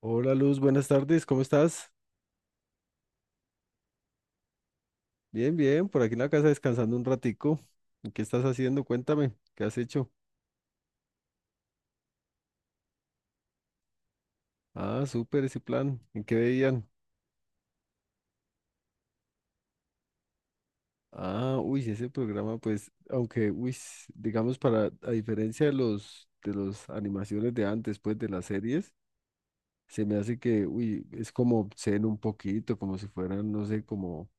Hola Luz, buenas tardes, ¿cómo estás? Bien, bien, por aquí en la casa descansando un ratico. ¿Qué estás haciendo? Cuéntame, ¿qué has hecho? Ah, súper ese plan, ¿en qué veían? Ah, uy, sí, ese programa, pues, aunque, uy, digamos, para, a diferencia de los, de las animaciones de antes, pues, de las series, se me hace que, uy, es como obsceno un poquito, como si fueran, no sé, como,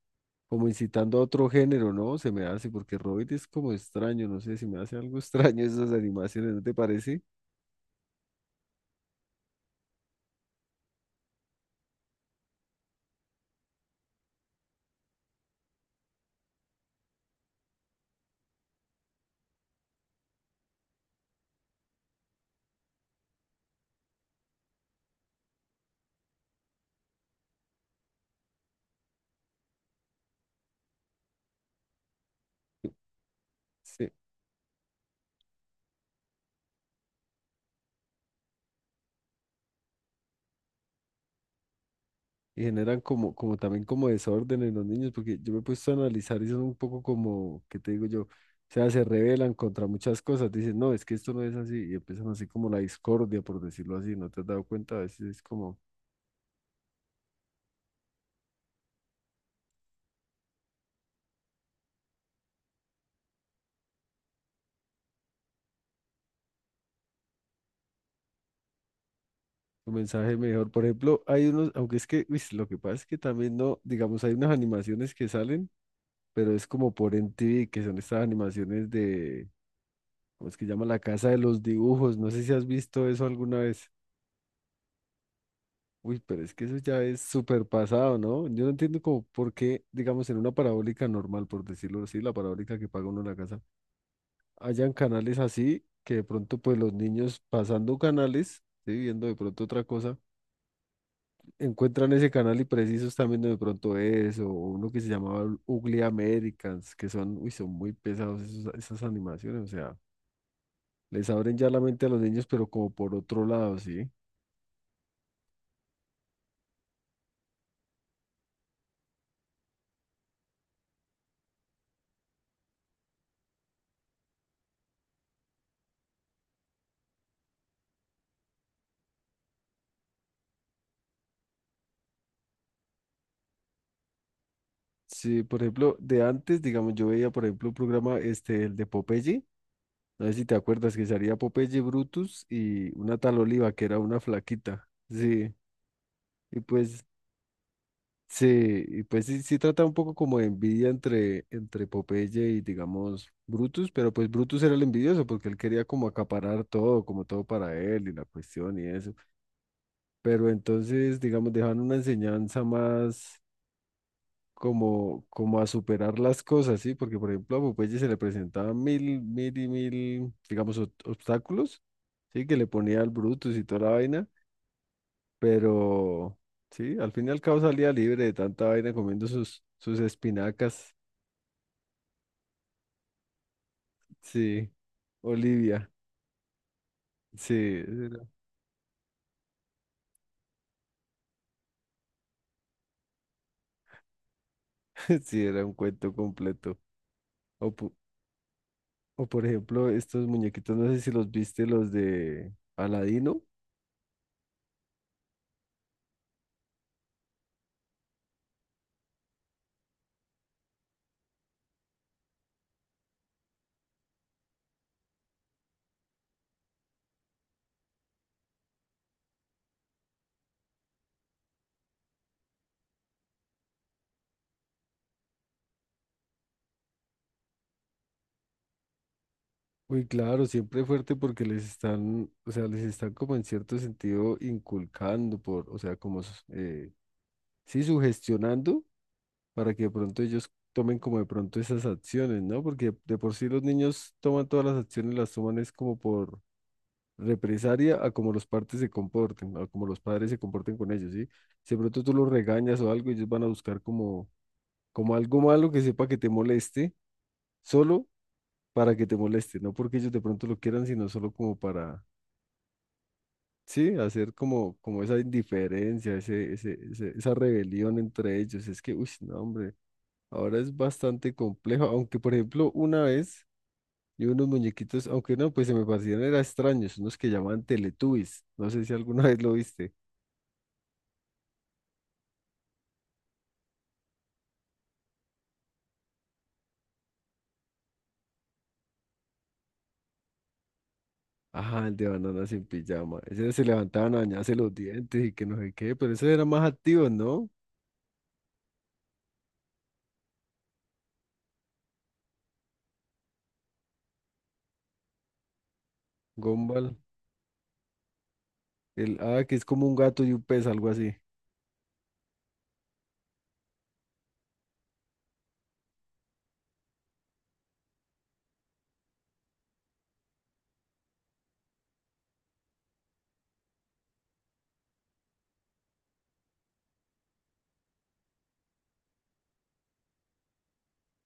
como incitando a otro género, ¿no? Se me hace, porque Robin es como extraño, no sé, si me hace algo extraño esas animaciones, ¿no te parece? Sí, y generan como, como también como desorden en los niños, porque yo me he puesto a analizar y son un poco como, ¿qué te digo yo? O sea, se rebelan contra muchas cosas, dicen, no, es que esto no es así, y empiezan así como la discordia, por decirlo así, ¿no te has dado cuenta? A veces es como un mensaje mejor. Por ejemplo, hay unos, aunque es que, uy, lo que pasa es que también no, digamos, hay unas animaciones que salen, pero es como por MTV, que son estas animaciones de, ¿cómo es que llama? La Casa de los Dibujos, no sé si has visto eso alguna vez. Uy, pero es que eso ya es súper pasado, ¿no? Yo no entiendo como por qué, digamos, en una parabólica normal, por decirlo así, la parabólica que paga uno en la casa, hayan canales así que de pronto pues los niños pasando canales, ¿sí? Viendo de pronto otra cosa, encuentran ese canal y precisos están viendo de pronto eso, o uno que se llamaba Ugly Americans, que son, uy, son muy pesados esas animaciones, o sea, les abren ya la mente a los niños, pero como por otro lado, ¿sí? Sí, por ejemplo, de antes, digamos, yo veía, por ejemplo, un programa, este, el de Popeye. No sé si te acuerdas que salía Popeye Brutus y una tal Oliva, que era una flaquita. Sí, y pues sí, y pues sí, sí trata un poco como de envidia entre, entre Popeye y digamos Brutus, pero pues Brutus era el envidioso porque él quería como acaparar todo, como todo para él y la cuestión y eso. Pero entonces, digamos, dejan una enseñanza más como, como a superar las cosas, ¿sí? Porque, por ejemplo, a Popeye se le presentaban mil, mil y mil, digamos, obstáculos, ¿sí? Que le ponía al Brutus y toda la vaina, pero, sí, al fin y al cabo salía libre de tanta vaina comiendo sus, sus espinacas, sí, Olivia, sí, sí, era un cuento completo. O, po- o, por ejemplo, estos muñequitos, no sé si los viste, los de Aladino. Uy, claro, siempre fuerte porque les están, o sea, les están como en cierto sentido inculcando por, o sea, como, sí, sugestionando para que de pronto ellos tomen como de pronto esas acciones, ¿no? Porque de por sí los niños toman todas las acciones, las toman es como por represalia a como los padres se comporten, a como los padres se comporten con ellos, ¿sí? Si de pronto tú los regañas o algo, ellos van a buscar como, como algo malo que sepa que te moleste, solo para que te moleste, no porque ellos de pronto lo quieran, sino solo como para sí, hacer como, como esa indiferencia, ese, esa rebelión entre ellos. Es que, uy, no, hombre, ahora es bastante complejo. Aunque, por ejemplo, una vez yo unos muñequitos, aunque no, pues se me parecían, eran extraños, unos que llamaban Teletubbies. No sé si alguna vez lo viste. Ajá, el de bananas en pijama. Ese se levantaban a bañarse los dientes y que no sé qué, pero ese era más activo, ¿no? Gumball. El, ah, que es como un gato y un pez, algo así.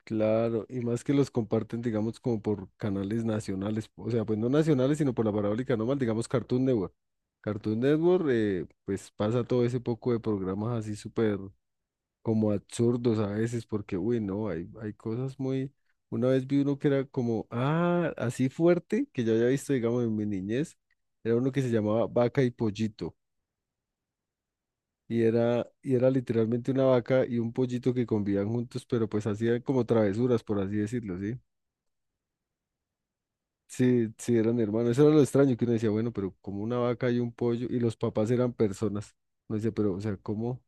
Claro, y más que los comparten, digamos, como por canales nacionales, o sea, pues no nacionales, sino por la parabólica normal, digamos Cartoon Network. Cartoon Network, pues pasa todo ese poco de programas así súper como absurdos a veces, porque, uy, no, hay cosas muy... Una vez vi uno que era como, ah, así fuerte, que yo había visto, digamos, en mi niñez, era uno que se llamaba Vaca y Pollito. Y era literalmente una vaca y un pollito que convivían juntos, pero pues hacían como travesuras, por así decirlo, ¿sí? Sí, sí, eran hermanos. Eso era lo extraño que uno decía, bueno, pero como una vaca y un pollo, y los papás eran personas. Uno decía, pero, o sea, ¿cómo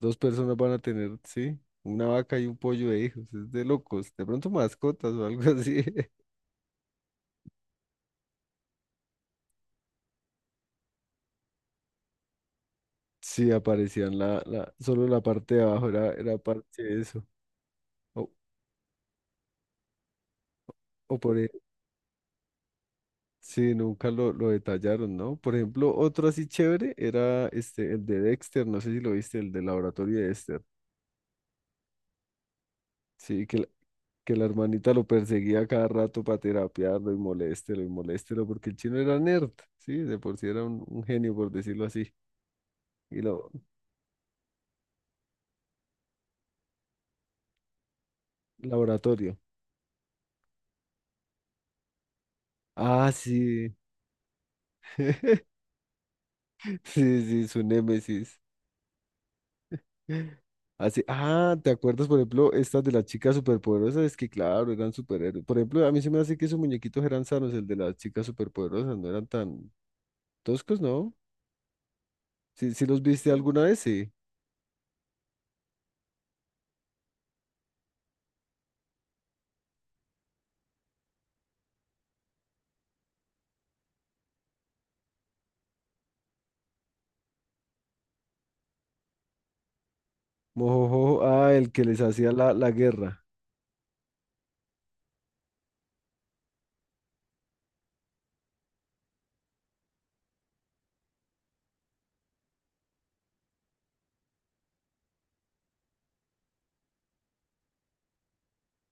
dos personas van a tener, sí, una vaca y un pollo de hijos? Es de locos. De pronto mascotas o algo así. Sí, aparecían solo la parte de abajo, era parte de eso. O, o por ejemplo, sí, nunca lo detallaron, ¿no? Por ejemplo, otro así chévere era este, el de Dexter, no sé si lo viste, el de laboratorio de Dexter. Sí, que la hermanita lo perseguía cada rato para terapiarlo y moléstelo, porque el chino era nerd, ¿sí? De por sí era un genio, por decirlo así. Y lo, laboratorio. Ah, sí. Sí, sí, su némesis. Así, ah, ¿te acuerdas, por ejemplo, estas de las chicas superpoderosas? Es que, claro, eran superhéroes. Por ejemplo, a mí se me hace que esos muñequitos eran sanos, el de las chicas superpoderosas, no eran tan toscos, ¿no? Sí, sí los viste alguna vez, sí. Mojojojo, ah, el que les hacía la guerra,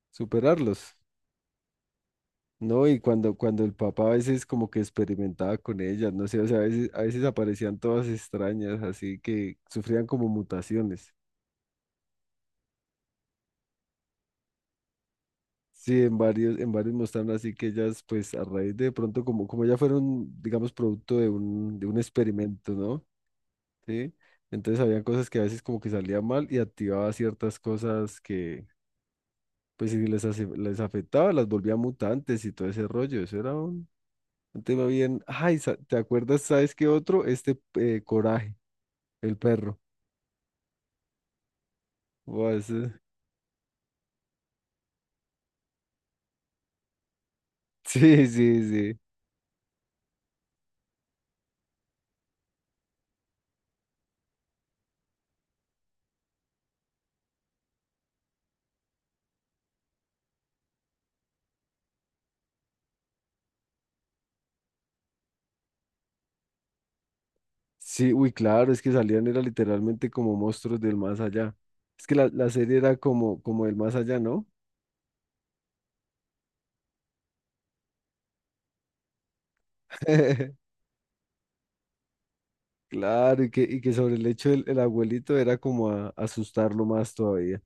superarlos. No, y cuando el papá a veces como que experimentaba con ellas, no sé, o sea, a veces aparecían todas extrañas, así que sufrían como mutaciones. Sí, en varios mostraron así que ellas, pues a raíz de pronto, como, como ya fueron, digamos, producto de de un experimento, ¿no? Sí. Entonces había cosas que a veces como que salían mal y activaba ciertas cosas que, pues si les, les afectaba, las volvía mutantes y todo ese rollo. Eso era un tema bien. Ay, ¿te acuerdas, sabes qué otro? Este, Coraje. El perro. Buah, Sí, sí, sí. Sí, uy, claro, es que salían era literalmente como monstruos del más allá. Es que la serie era como, como el más allá, ¿no? Claro, y que sobre el hecho del el abuelito era como a, asustarlo más todavía.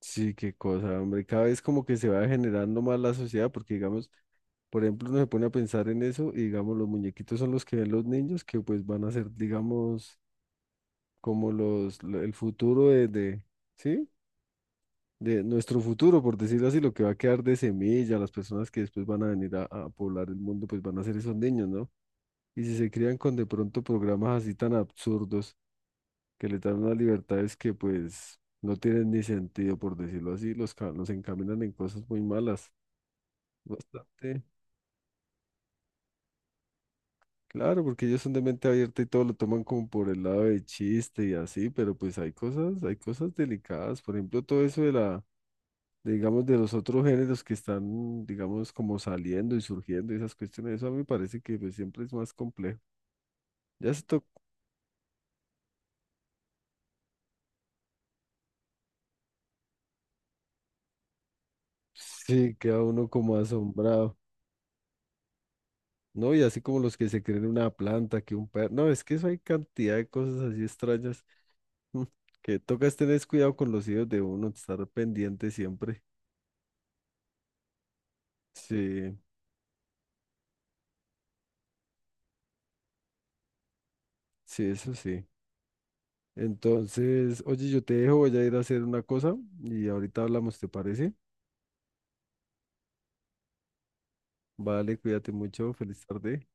Sí, qué cosa, hombre. Cada vez como que se va generando más la sociedad, porque digamos, por ejemplo, uno se pone a pensar en eso y digamos, los muñequitos son los que ven los niños que pues van a ser, digamos, como el futuro de, ¿sí? De nuestro futuro, por decirlo así, lo que va a quedar de semilla, las personas que después van a venir a poblar el mundo, pues van a ser esos niños, ¿no? Y si se crían con de pronto programas así tan absurdos que les dan unas libertades que pues no tienen ni sentido, por decirlo así, los, los encaminan en cosas muy malas. Bastante. Claro, porque ellos son de mente abierta y todo lo toman como por el lado de chiste y así, pero pues hay cosas delicadas, por ejemplo, todo eso de la digamos, de los otros géneros que están, digamos, como saliendo y surgiendo y esas cuestiones, eso a mí me parece que pues, siempre es más complejo. Ya esto sí queda uno como asombrado, ¿no? Y así como los que se creen una planta, que un perro, no, es que eso hay cantidad de cosas así extrañas mm, que tocas tener cuidado con los hijos de uno, estar pendiente siempre. Sí, sí, eso sí. Entonces, oye, yo te dejo, voy a ir a hacer una cosa y ahorita hablamos, ¿te parece? Vale, cuídate mucho, feliz tarde.